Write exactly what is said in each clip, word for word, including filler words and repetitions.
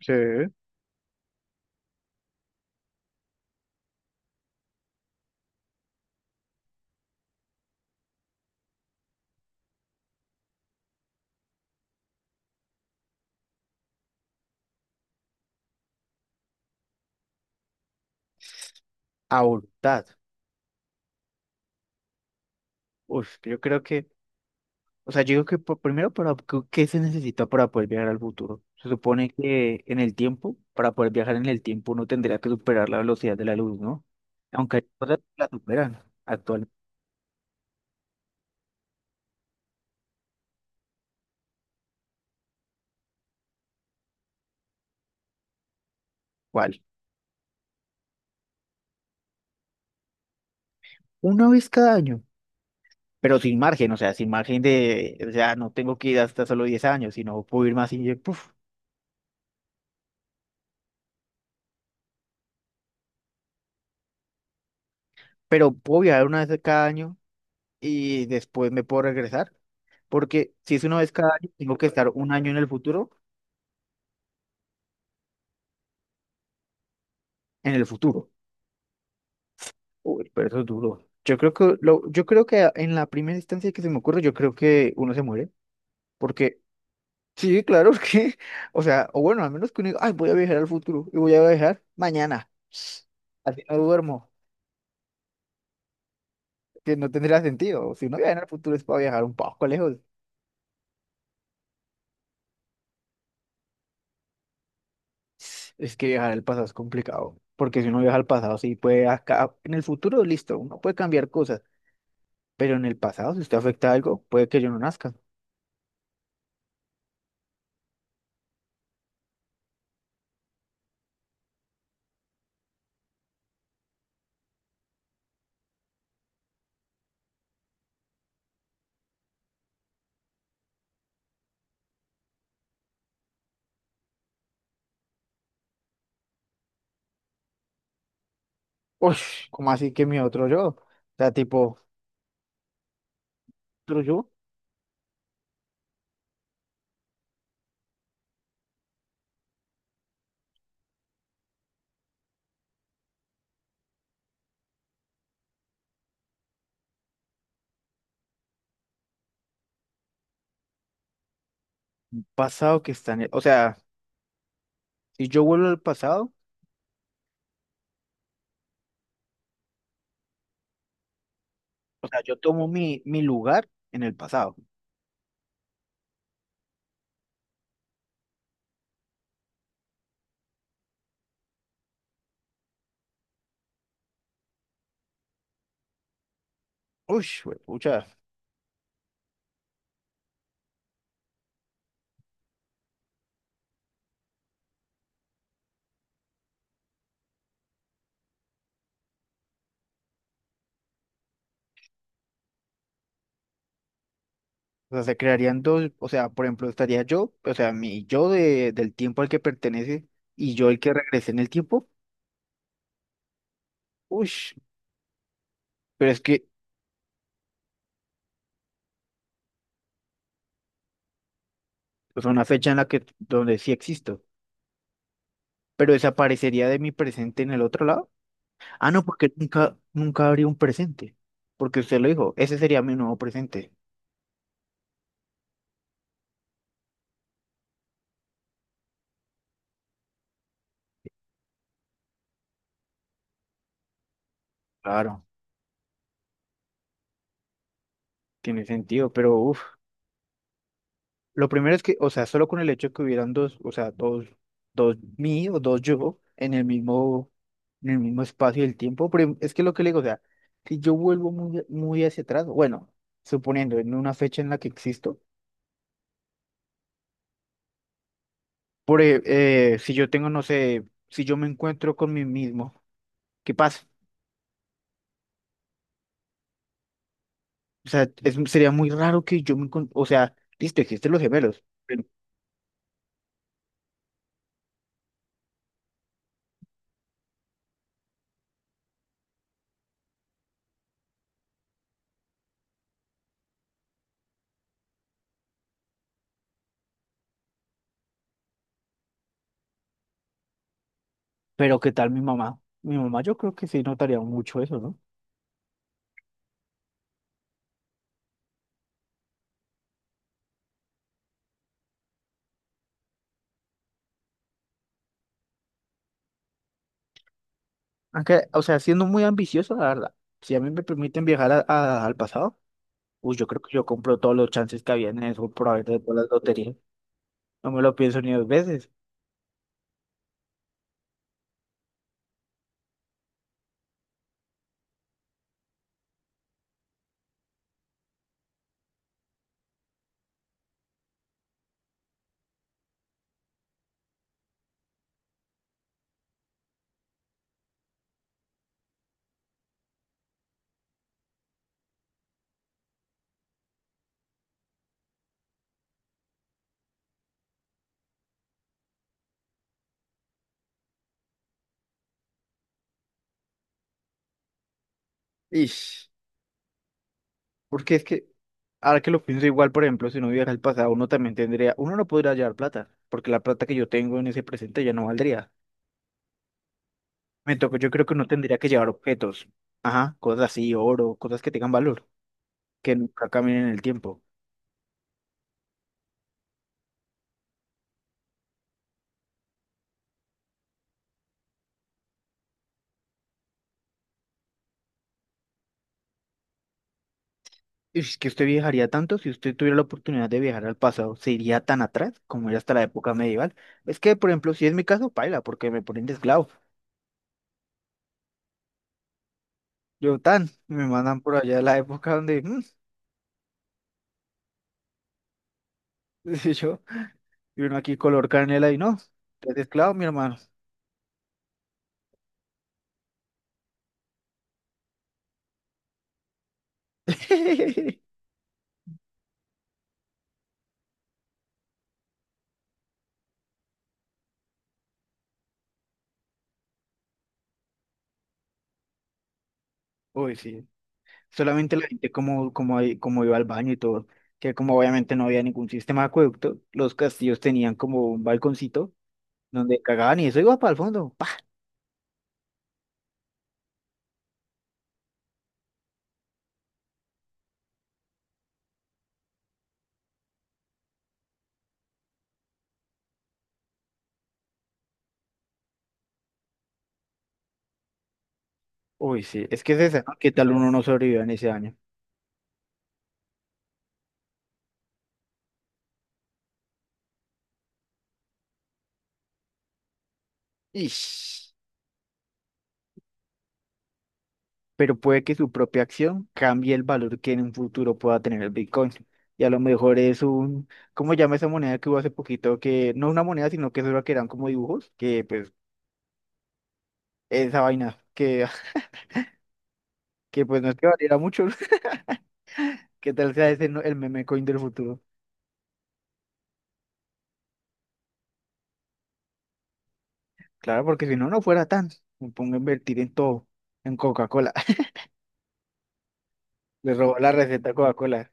Sí. A voluntad. Uf, yo creo que, o sea, yo digo que por- primero, para, ¿qué qué se necesita para poder viajar al futuro? Se supone que en el tiempo, para poder viajar en el tiempo, uno tendría que superar la velocidad de la luz, ¿no? Aunque hay cosas que la superan actualmente. ¿Cuál? Una vez cada año, pero sin margen, o sea, sin margen de, o sea, no tengo que ir hasta solo diez años, sino puedo ir más y, puf, pero puedo viajar una vez cada año y después me puedo regresar, porque si es una vez cada año, tengo que estar un año en el futuro en el futuro. Uy, pero eso es duro. Yo creo que lo, yo creo que en la primera instancia que se me ocurre, yo creo que uno se muere. Porque, sí, claro que, o sea, o bueno, al menos que uno diga, ay, voy a viajar al futuro y voy a viajar mañana. Así no duermo, que no tendría sentido. Si uno viaja al futuro es para viajar un poco lejos. Es que viajar al pasado es complicado. Porque si uno viaja al pasado, sí puede acá, en el futuro, listo, uno puede cambiar cosas. Pero en el pasado, si usted afecta a algo, puede que yo no nazca. Uy, ¿cómo así que mi otro yo? O sea, tipo, otro yo, un pasado que está en el, o sea, si yo vuelvo al pasado, o sea, yo tomo mi, mi lugar en el pasado. Uy, pucha. O sea, se crearían dos, o sea, por ejemplo, estaría yo, o sea, mi yo de, del tiempo al que pertenece y yo el que regrese en el tiempo. Uy, pero es que es una fecha en la que, donde sí existo, pero desaparecería de mi presente en el otro lado. Ah, no, porque nunca, nunca habría un presente, porque usted lo dijo, ese sería mi nuevo presente. Claro, tiene sentido, pero uff, lo primero es que, o sea, solo con el hecho de que hubieran dos, o sea, dos, dos, mí o dos yo en el mismo, en el mismo espacio del tiempo, pero es que lo que le digo, o sea, si yo vuelvo muy, muy hacia atrás, bueno, suponiendo en una fecha en la que existo, por, e- eh, si yo tengo, no sé, si yo me encuentro con mí mismo, ¿qué pasa? O sea, es- sería muy raro que yo me encon- o sea, listo, existen los gemelos, pero pero ¿qué tal mi mamá? Mi mamá yo creo que sí notaría mucho eso, ¿no? Aunque, o sea, siendo muy ambicioso, la verdad, si a mí me permiten viajar a- a- al pasado, uy, yo creo que yo compro todos los chances que había en eso por haber de todas las loterías. No me lo pienso ni dos veces. Ish, porque es que, ahora que lo pienso igual, por ejemplo, si uno viaja al pasado, uno también tendría, uno no podría llevar plata, porque la plata que yo tengo en ese presente ya no valdría. Me toca, yo creo que uno tendría que llevar objetos, ajá, cosas así, oro, cosas que tengan valor, que nunca caminen en el tiempo. Es que usted viajaría tanto si usted tuviera la oportunidad de viajar al pasado, se iría tan atrás como era hasta la época medieval. Es que, por ejemplo, si es mi caso, paila, porque me ponen de esclavo. Yo tan, me mandan por allá a la época donde, mm, y yo, y uno aquí color canela y no, es esclavo, mi hermano. Uy, sí. Solamente la gente como, como, ahí- como iba al baño y todo, que como obviamente no había ningún sistema de acueducto, los castillos tenían como un balconcito donde cagaban y eso iba para el fondo. Uy, sí, es que es esa, ¿no? ¿Qué tal uno no sobrevivió en ese año? Ish. Pero puede que su propia acción cambie el valor que en un futuro pueda tener el Bitcoin. Y a lo mejor es un, ¿cómo llama esa moneda que hubo hace poquito? Que no una moneda, sino que solo que eran como dibujos, que pues esa vaina, que, que pues no es que valiera mucho. ¿Qué tal sea ese no- el meme coin del futuro? Claro, porque si no, no fuera tan. Me pongo a invertir en todo, en Coca-Cola. Le robó la receta a Coca-Cola.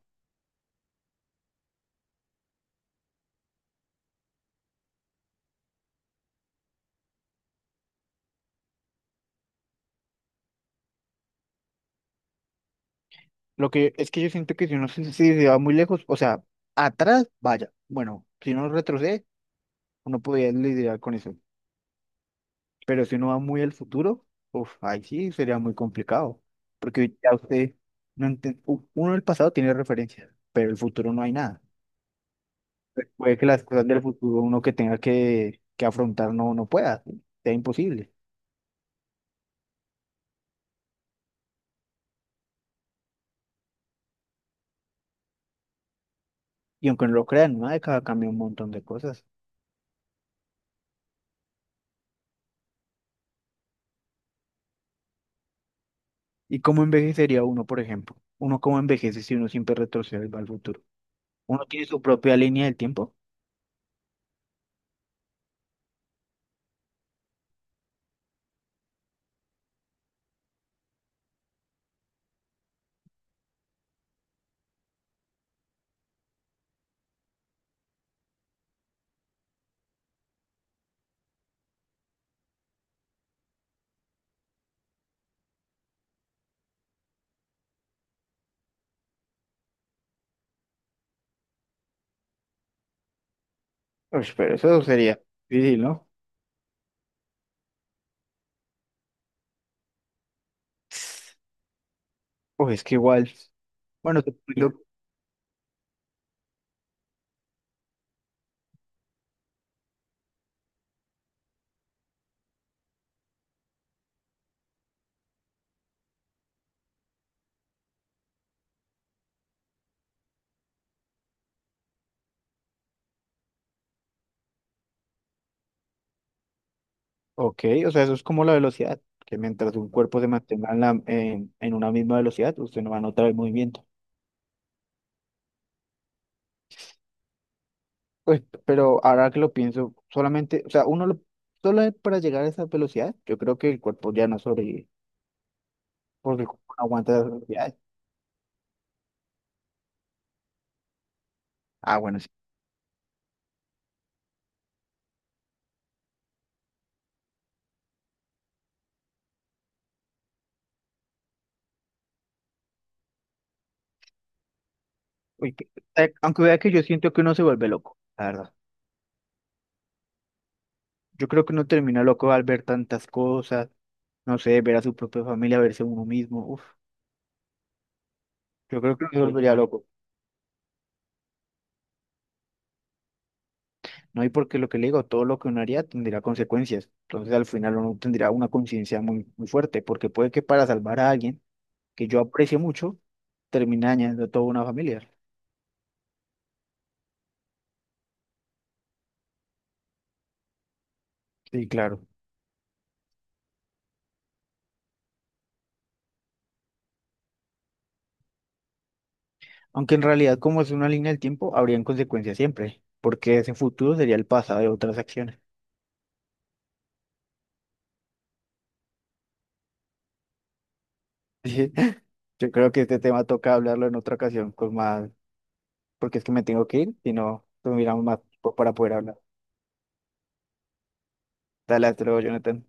Lo que es que yo siento que si uno se, si se va muy lejos, o sea, atrás, vaya. Bueno, si uno retrocede, uno podría lidiar con eso. Pero si uno va muy al futuro, uf, ahí sí sería muy complicado. Porque ya usted no entiende. Uno del pasado tiene referencias, pero el futuro no hay nada. Puede que las cosas del futuro uno que tenga que, que afrontar no, no pueda, ¿sí? Sea imposible. Y aunque no lo crean, una década cambia un montón de cosas. ¿Y cómo envejecería uno, por ejemplo? ¿Uno cómo envejece si uno siempre retrocede y va al futuro? Uno tiene su propia línea del tiempo. Uy, pero eso sería difícil, ¿no? Uy, es que igual, bueno, te explico. Ok, o sea, eso es como la velocidad, que mientras un cuerpo se mantenga en, la- en- en una misma velocidad, usted no va a notar el movimiento. Pues, pero ahora que lo pienso, solamente, o sea, uno lo- solo para llegar a esa velocidad, yo creo que el cuerpo ya no sobrevive, porque el cuerpo no aguanta esas velocidades. Ah, bueno, sí. Uy, que- eh, aunque vea que yo siento que uno se vuelve loco, la verdad. Yo creo que uno termina loco al ver tantas cosas, no sé, ver a su propia familia, verse uno mismo. Uf, yo creo que me volvería loco. No, y porque lo que le digo, todo lo que uno haría tendría consecuencias. Entonces al final uno tendría una conciencia muy, muy fuerte, porque puede que para salvar a alguien que yo aprecio mucho, termine dañando a toda una familia. Sí, claro. Aunque en realidad, como es una línea del tiempo, habrían consecuencias siempre, porque ese futuro sería el pasado de otras acciones. Sí, yo creo que este tema toca hablarlo en otra ocasión con más, porque es que me tengo que ir, si no, tuviéramos más tiempo para poder hablar. Dale. Hasta luego, Jonathan.